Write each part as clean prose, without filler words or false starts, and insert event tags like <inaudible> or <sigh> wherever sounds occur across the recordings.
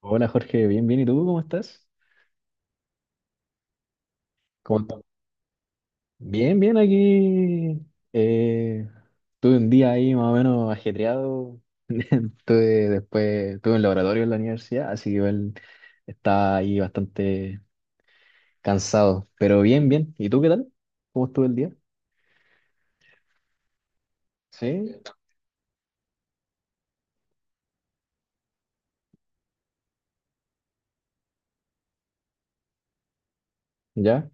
Hola Jorge, bien, bien. ¿Y tú cómo estás? ¿Cómo estás? Bien, bien aquí. eh, Tuve un día ahí más o menos ajetreado. <laughs> Tuve Tuve un laboratorio en la universidad, así que igual estaba ahí bastante cansado. Pero bien, bien. ¿Y tú qué tal? ¿Cómo estuvo el día? ¿Sí? ¿Ya?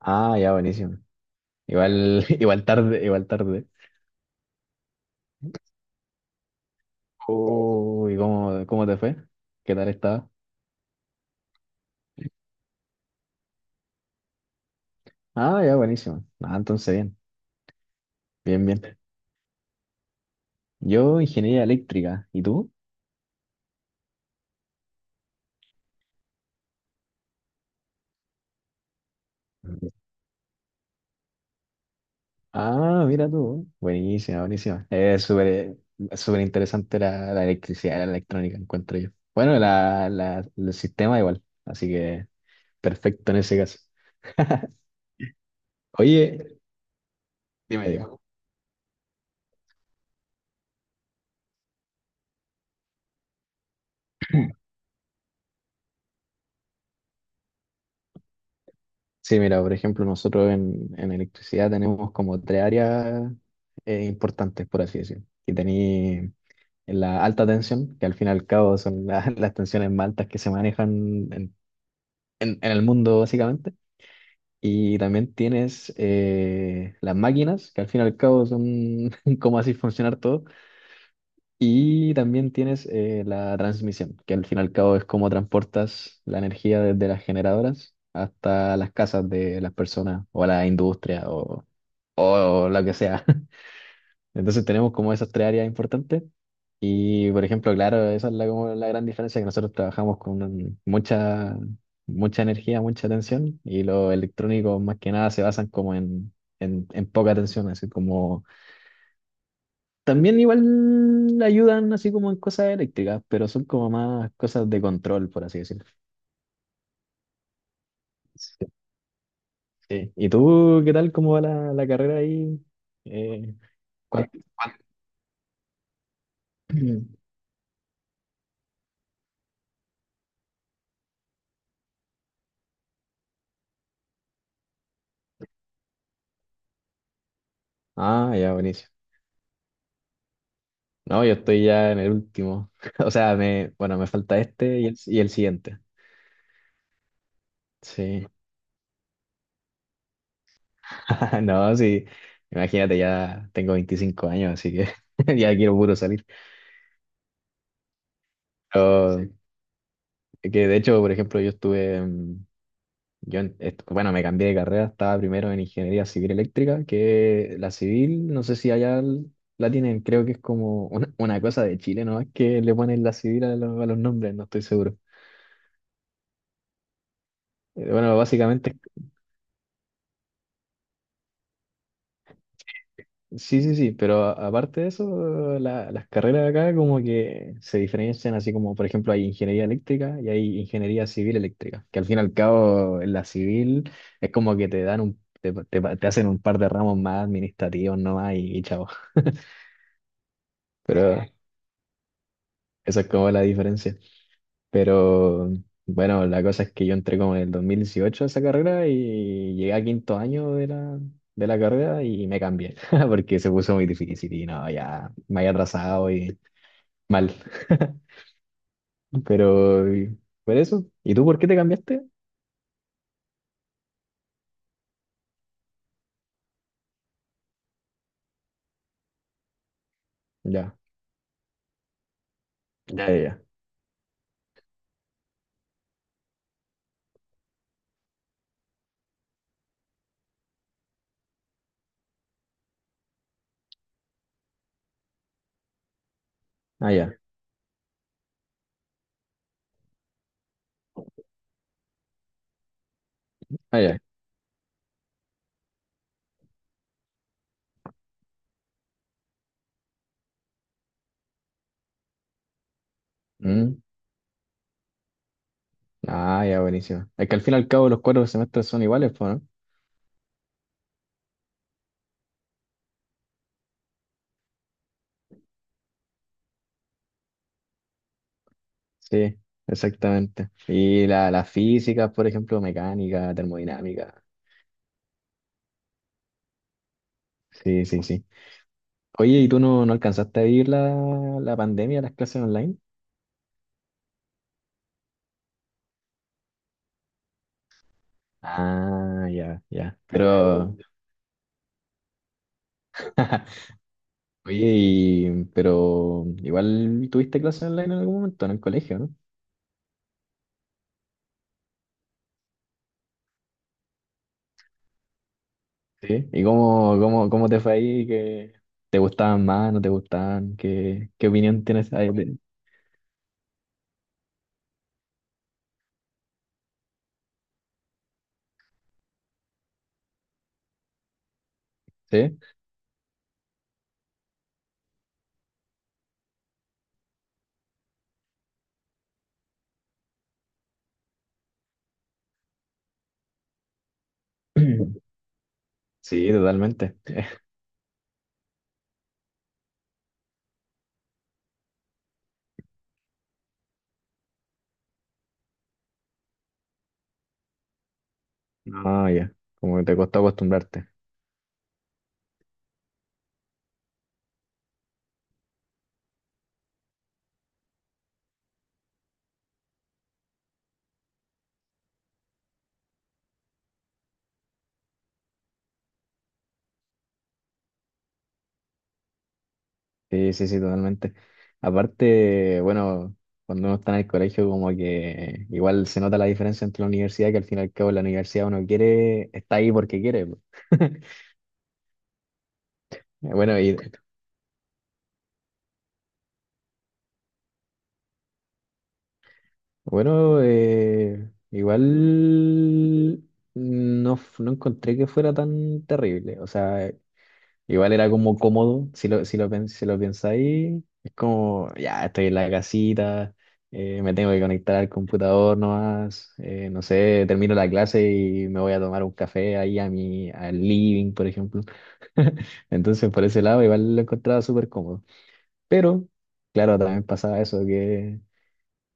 Ah, ya, buenísimo. Igual, <laughs> igual tarde, igual tarde. Uy, ¿cómo te fue? ¿Qué tal estaba? Ah, ya, buenísimo. Ah, entonces bien, bien, bien. Yo, ingeniería eléctrica. ¿Y tú? Mm. Ah, mira tú. Buenísima, buenísima. Es súper, súper interesante la electricidad, la electrónica, encuentro yo. Bueno, el sistema igual. Así que perfecto en ese caso. Oye, dime, digo. Sí, mira, por ejemplo, nosotros en electricidad tenemos como tres áreas importantes, por así decir. Y tenéis la alta tensión, que al fin y al cabo son <laughs> las tensiones más altas que se manejan en el mundo, básicamente. Y también tienes las máquinas, que al fin y al cabo son <laughs> cómo así funcionar todo. Y también tienes la transmisión, que al fin y al cabo es cómo transportas la energía desde las generadoras hasta las casas de las personas o la industria o lo que sea. <laughs> Entonces tenemos como esas tres áreas importantes. Y por ejemplo, claro, esa es la, como la gran diferencia, que nosotros trabajamos con mucha, mucha energía, mucha tensión, y los electrónicos más que nada se basan como en poca tensión, así como también igual ayudan así como en cosas eléctricas, pero son como más cosas de control, por así decirlo. Sí. Sí. ¿Y tú qué tal? ¿Cómo va la carrera ahí? Eh, ¿cuál- cuál- <clears throat> Ah, ya, buenísimo. No, yo estoy ya en el último. <laughs> O sea, me, bueno, me falta este y el siguiente. Sí. <laughs> No, sí. Imagínate, ya tengo 25 años, así que <laughs> ya quiero puro salir. Pero, sí. Que de hecho, por ejemplo, yo estuve, mm, yo, en- est- bueno, me cambié de carrera, estaba primero en ingeniería civil eléctrica, que la civil, no sé si allá la tienen, creo que es como una cosa de Chile, ¿no? Es que le ponen la civil a los nombres, no estoy seguro. Bueno, básicamente sí, sí, sí, pero aparte de eso, las carreras de acá como que se diferencian, así como por ejemplo hay ingeniería eléctrica y hay ingeniería civil eléctrica, que al fin y al cabo en la civil es como que te dan un, te- te hacen un par de ramos más administrativos nomás y chao, <laughs> pero eso es como la diferencia. Pero bueno, la cosa es que yo entré como en el 2018 a esa carrera y llegué a quinto año de la carrera y me cambié <laughs> porque se puso muy difícil y no, ya me había atrasado y... Mal. <laughs> Pero, y- por eso. ¿Y tú por qué te cambiaste? Ya, ya, ya, ya. Ah, ya, ah, ya. Mm. Ah, ya, buenísimo. Es que al fin y al cabo los cuatro semestres son iguales, po, ¿no? Sí, exactamente. Y la física por ejemplo, mecánica, termodinámica. Sí, sí, sí. Oye, ¿y tú no, no alcanzaste a vivir la pandemia, las clases online? Ah, ya, ya. Pero, <laughs> oye, pero igual tuviste clases online en algún momento, en el colegio, ¿no? Sí. ¿Y cómo te fue ahí? ¿Qué te gustaban más? ¿No te gustaban? ¿Qué, qué opinión tienes ahí? ¿Sí? <clears throat> Sí, totalmente. <laughs> No, ya. Como que te costó acostumbrarte. Sí, sí, sí, totalmente. Aparte, bueno, cuando uno está en el colegio, como que igual se nota la diferencia entre la universidad, que al fin y al cabo la universidad uno quiere, está ahí porque quiere, po. <laughs> Bueno, y Bueno, igual no, no encontré que fuera tan terrible. O sea, igual era como cómodo, si lo pensáis, es como, ya estoy en la casita, me tengo que conectar al computador nomás, no sé, termino la clase y me voy a tomar un café ahí a mi, al living, por ejemplo. <laughs> Entonces, por ese lado, igual lo encontraba súper cómodo. Pero, claro, también pasaba eso que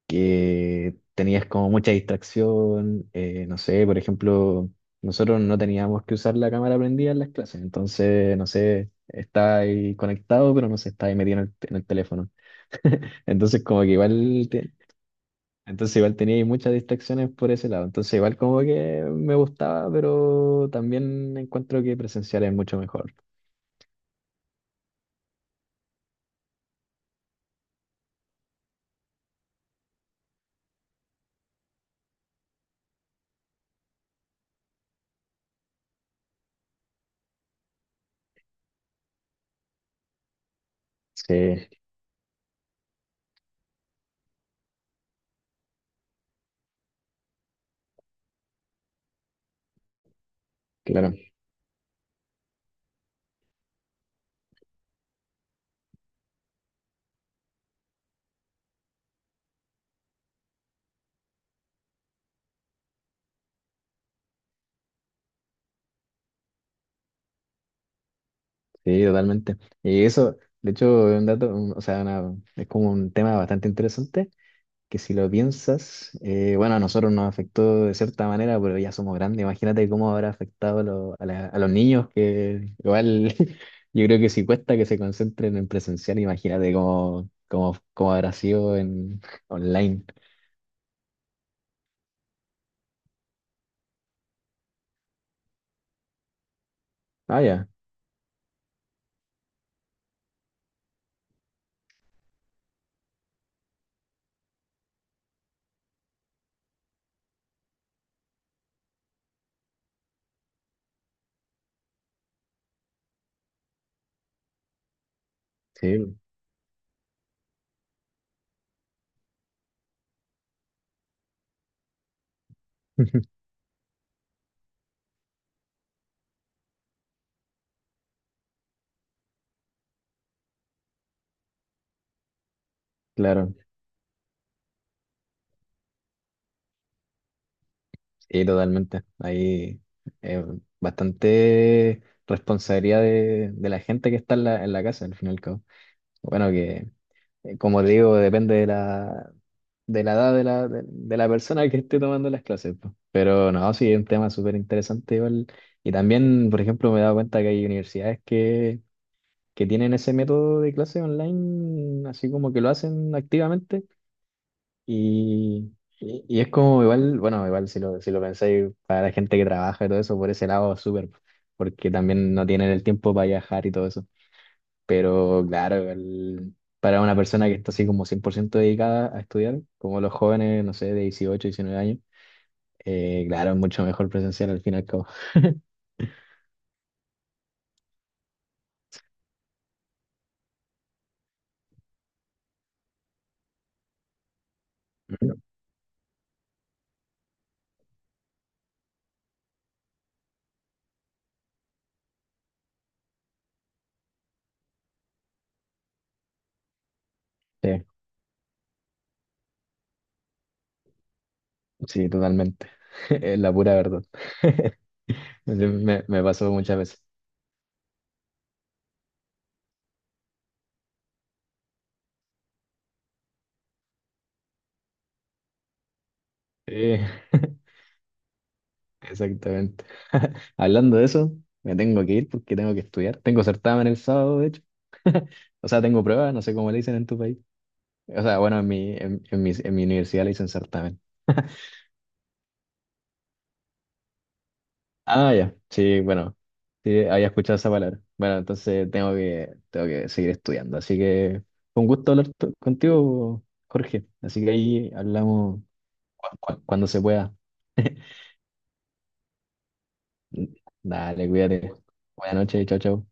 que tenías como mucha distracción, no sé, por ejemplo, nosotros no teníamos que usar la cámara prendida en las clases, entonces, no sé, está ahí conectado, pero no se está ahí metido en el teléfono. <laughs> Entonces, como que entonces igual tenía ahí muchas distracciones por ese lado, entonces igual como que me gustaba, pero también encuentro que presencial es mucho mejor. Sí, claro, sí, totalmente. Y eso, de hecho, es o sea, es como un tema bastante interesante, que si lo piensas, bueno, a nosotros nos afectó de cierta manera, pero ya somos grandes. Imagínate cómo habrá afectado a los niños, que igual <laughs> yo creo que si cuesta que se concentren en presencial, imagínate cómo habrá sido en <laughs> online. Ah, ya, sí, <laughs> claro, sí, totalmente. Ahí eh, bastante responsabilidad de la gente que está en en la casa, al fin y al cabo. Bueno, que como te digo, depende de de la edad de la persona que esté tomando las clases, pues. Pero no, sí, es un tema súper interesante igual. Y también, por ejemplo, me he dado cuenta que hay universidades que tienen ese método de clase online, así como que lo hacen activamente. Y, y es como igual, bueno, igual si lo pensáis, para la gente que trabaja y todo eso, por ese lado, súper, porque también no tienen el tiempo para viajar y todo eso. Pero claro, para una persona que está así como 100% dedicada a estudiar, como los jóvenes, no sé, de 18, 19 años, claro, es mucho mejor presencial al fin y al cabo. Ujú. Sí, sí, totalmente. <laughs> Es la pura verdad. <laughs> Me pasó muchas veces. Sí, <laughs> exactamente. <laughs> Hablando de eso, me tengo que ir porque tengo que estudiar. Tengo certamen el sábado, de hecho. O sea, tengo pruebas, no sé cómo le dicen en tu país. O sea, bueno, en mi universidad le dicen certamen. Ah, ya. Sí, bueno. Sí, había escuchado esa palabra. Bueno, entonces tengo que seguir estudiando. Así que fue un gusto contigo, Jorge. Así que ahí hablamos cuando se pueda. <laughs> Dale, cuídate. Buenas noches, chao, chao.